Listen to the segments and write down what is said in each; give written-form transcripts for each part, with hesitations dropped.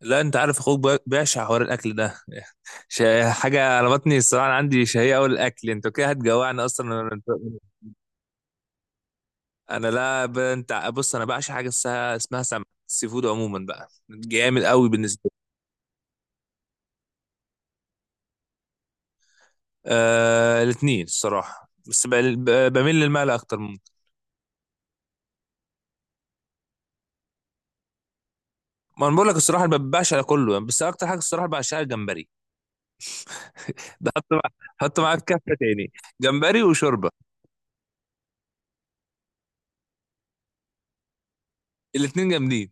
لا، انت عارف اخوك بيعشق حوار الاكل ده. حاجه على بطني الصراحه، أنا عندي شهيه قوي الاكل. انت كده هتجوعني اصلا. انا لا ب... انت بص، انا بعشق حاجه اسمها سمك، السي فود عموما بقى جامد قوي بالنسبه لي. الاثنين الصراحه، بميل للمال اكتر ممكن. ما انا بقول لك الصراحه ما بعشق على كله يعني، بس اكتر حاجه الصراحه بعشقها الجمبري. بحط مع... حط معاه في كفه تاني. جمبري وشوربه، الاثنين جامدين.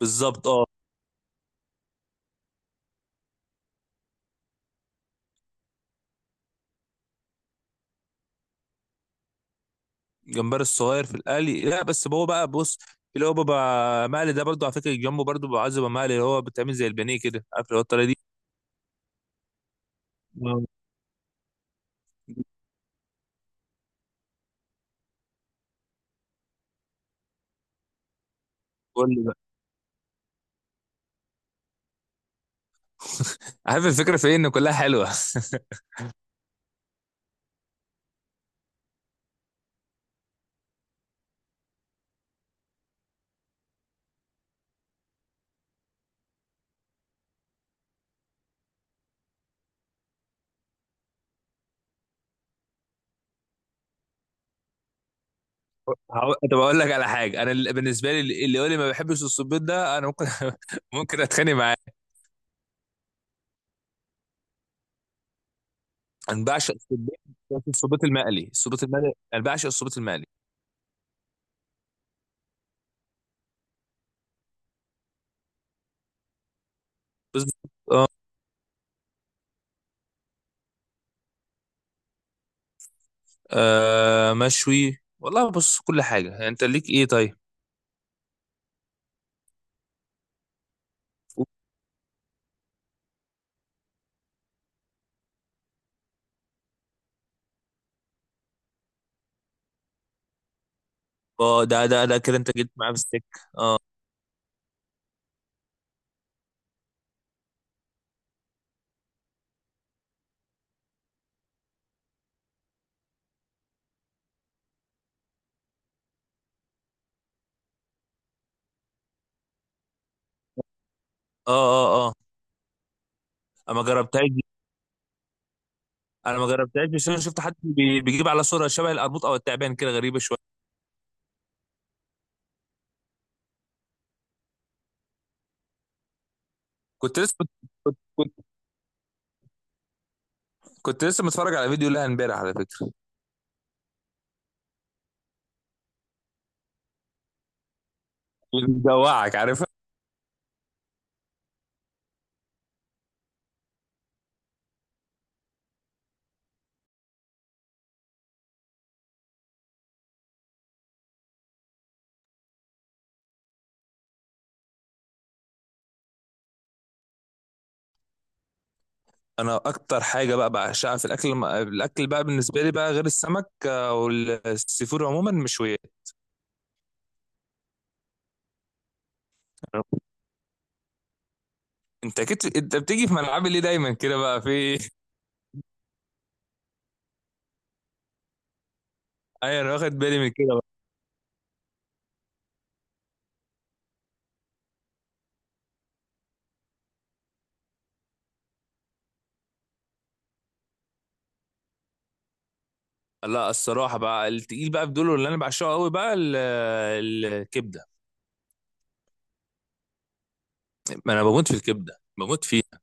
بالظبط اه. الجمبري الصغير في القلي، لا بس هو بقى بص، اللي هو بيبقى مقلي ده برضو على فكره، الجامبو برضو بيبقى عايز يبقى مقلي، اللي هو بتعمل زي البانيه كده، عارف اللي هو الطريقه دي. آه. قول لي بقى. عارف الفكره في ايه؟ ان كلها حلوه. طب اقول لك على حاجه، انا بالنسبه لي اللي يقول لي ما بحبش الصبيط ده انا ممكن ممكن اتخانق معاه. انا بعشق الصبيط، بس الصبيط المقلي، الصبيط المقلي. انا بعشق الصبيط المقلي. آه مشوي والله. بص كل حاجه يعني، انت ليك ايه طيب؟ اه، ده كده انت جيت معاه في السكه. اه اه. انا ما جربتهاش دي. انا ما جربتهاش، بس انا شفت حد بيجيب على صوره شبه القرموط او التعبان، كده غريبه شويه. كنت لسه كنت, كنت كنت لسه متفرج على فيديو لها امبارح على فكره. اللي بيجوعك، عارفها. انا اكتر حاجه بقى بعشقها في الاكل بقى بالنسبه لي بقى، غير السمك آه، والسي فود عموما، مشويات. انت اكيد، انت بتيجي في ملعبي ليه دايما كده بقى في إيه؟ ايوه انا واخد بالي من كده بقى. لا الصراحه بقى، التقيل بقى بدول اللي انا بعشقه قوي بقى، الكبده. ما انا بموت في الكبده، بموت فيها.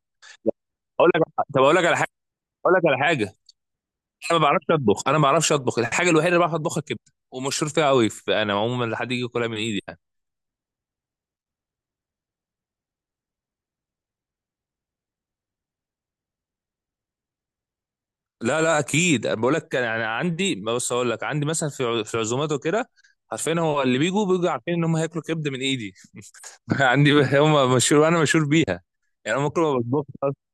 اقول لك، طب اقول لك على حاجه، اقول لك على حاجه، انا ما بعرفش اطبخ، انا ما بعرفش اطبخ. الحاجه الوحيده اللي بعرف اطبخها الكبده، ومشهور فيها قوي انا عموما، لحد يجي ياكلها من ايدي يعني. لا لا اكيد بقول لك، انا عندي، بص اقول لك، عندي مثلا في في عزومات وكده، عارفين هو، اللي بيجوا عارفين ان هم هياكلوا كبده من ايدي. عندي هم مشهور وانا مشهور بيها. يعني انا ممكن ما بطبخش أصلاً.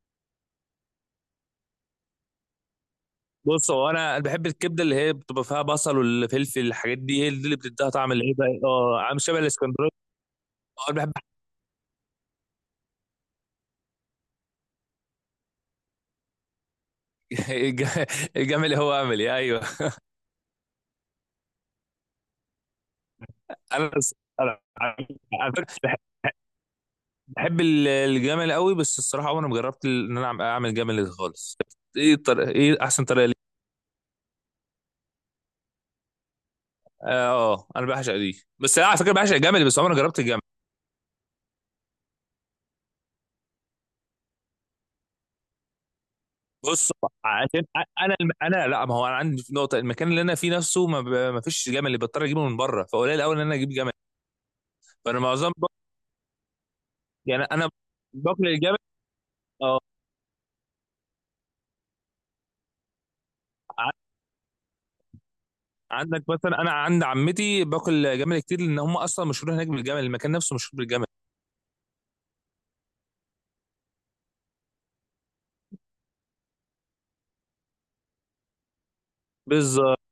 بص هو انا بحب الكبده اللي هي بتبقى فيها بصل والفلفل، الحاجات دي هي دي اللي بتديها طعم العيبه، اه عامل شبه الاسكندراني. اه أنا بحب. الجمل هو عملي، ايوه. انا على فكرة بحب الجمل قوي، بس الصراحه عمري ما جربت ان انا اعمل جمل خالص. ايه الطريقه؟ ايه احسن طريقه ليه؟ اه آه، انا بعشق دي، بس أنا على فكره بعشق الجمل، بس عمري ما جربت الجمل. بص عشان انا انا لا، ما هو انا عندي نقطه، المكان اللي انا فيه نفسه ما, ما فيش جمل، اللي بضطر اجيبه من بره، فقليل قوي ان انا اجيب جمل. فانا معظم يعني انا باكل الجمل. اه، ع- عندك مثلا انا عند عمتي باكل جمل كتير، لان هم اصلا مشهورين هناك بالجمل، المكان نفسه مشهور بالجمل. بالظبط.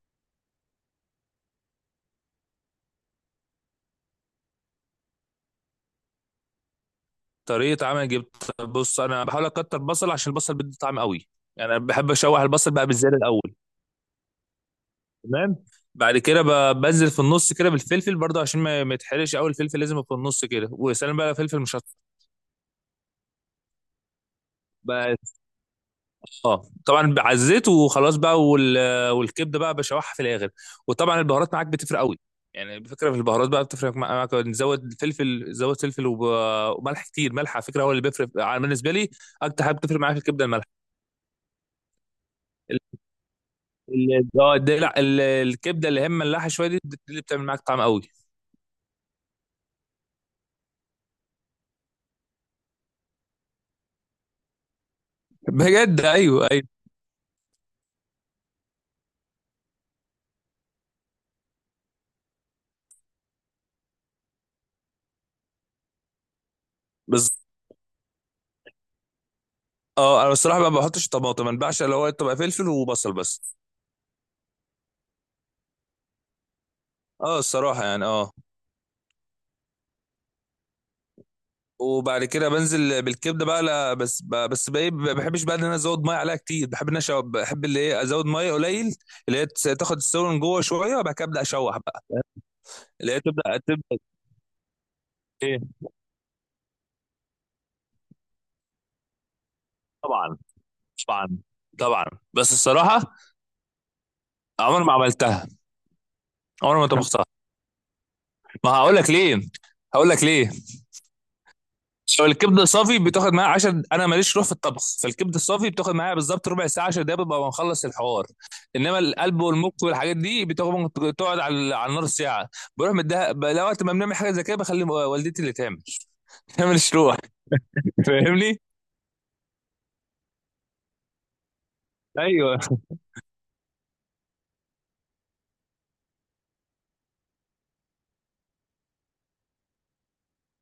طريقة عمل جبت، بص أنا بحاول أكتر بصل، عشان البصل بيدي طعم قوي. يعني أنا بحب أشوح البصل بقى بالزيادة الأول. تمام. بعد كده بنزل في النص كده بالفلفل برضه، عشان ما ما يتحرقش قوي، الفلفل لازم يبقى في النص كده، وسلام بقى لو فلفل مشطشط بقى. اه طبعا بعزيت وخلاص بقى والكبده بقى بشوحها في الاخر. وطبعا البهارات معاك بتفرق قوي. يعني بفكره في البهارات بقى بتفرق معاك، نزود فلفل، زود فلفل وملح كتير. ملح على فكره هو اللي بيفرق على بالنسبه لي، اكتر حاجه بتفرق معايا في الكبده الملح. اه الكبده اللي هي ملاحه شويه دي، دي اللي بتعمل معاك طعم قوي. بجد، ايوه ايوه. بس اه انا الصراحه بقى ما بحطش طماطم، انا بعشق اللي هو تبقى فلفل وبصل بس. اه الصراحه يعني اه. وبعد كده بنزل بالكبده بقى، لا بس بقى إيه، ما بحبش بقى ان انا ازود ميه عليها كتير، بحب ان انا بحب اللي هي ازود ميه قليل، اللي هي تاخد السوا من جوه شويه، وبعد كده ابدا اشوح بقى، اللي هي تبدا. ايه؟ طبعا طبعا طبعا. بس الصراحه عمر ما عملتها، عمر ما طبختها. ما هقول لك ليه، هقول لك ليه. لو الكبده صافي بتاخد معايا 10، انا ماليش روح في الطبخ، فالكبده الصافي بتاخد معايا بالظبط ربع ساعه 10 دقايق، ببقى مخلص الحوار. انما القلب والمخ والحاجات دي بتاخد ممكن تقعد على على النار ساعه، بروح مديها لو وقت ما بنعمل حاجه زي كده بخلي والدتي اللي تعمل. انا ماليش روح، فاهمني. ايوه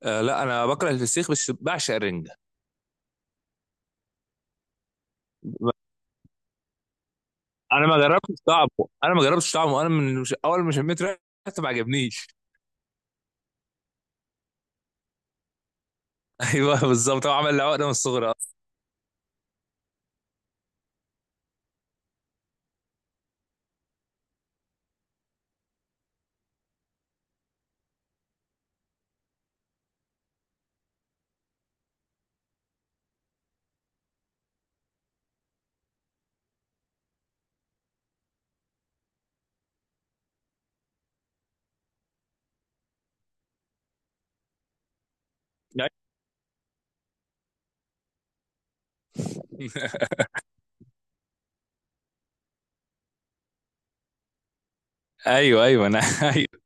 آه، لا انا بكره الفسيخ بس بعشق الرنجه. انا ما جربتش طعمه، انا ما جربتش طعمه، انا من مش... اول ما شميت ريحته ما عجبنيش. ايوه بالظبط، هو عمل لي عقده من الصغر اصلا. ايوه ايوه انا ايوه.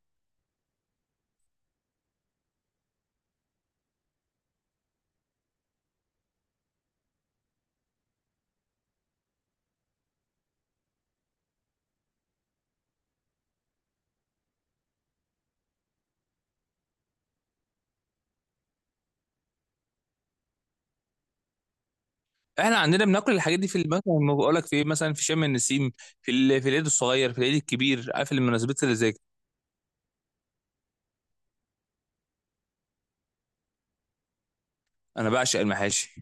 احنا عندنا بناكل الحاجات دي في مثلا ما بقول لك في ايه، مثلا في شم النسيم، في في العيد الصغير، في العيد الكبير، عارف المناسبات اللي زي كده. انا بعشق المحاشي.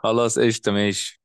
خلاص قشطه، ماشي.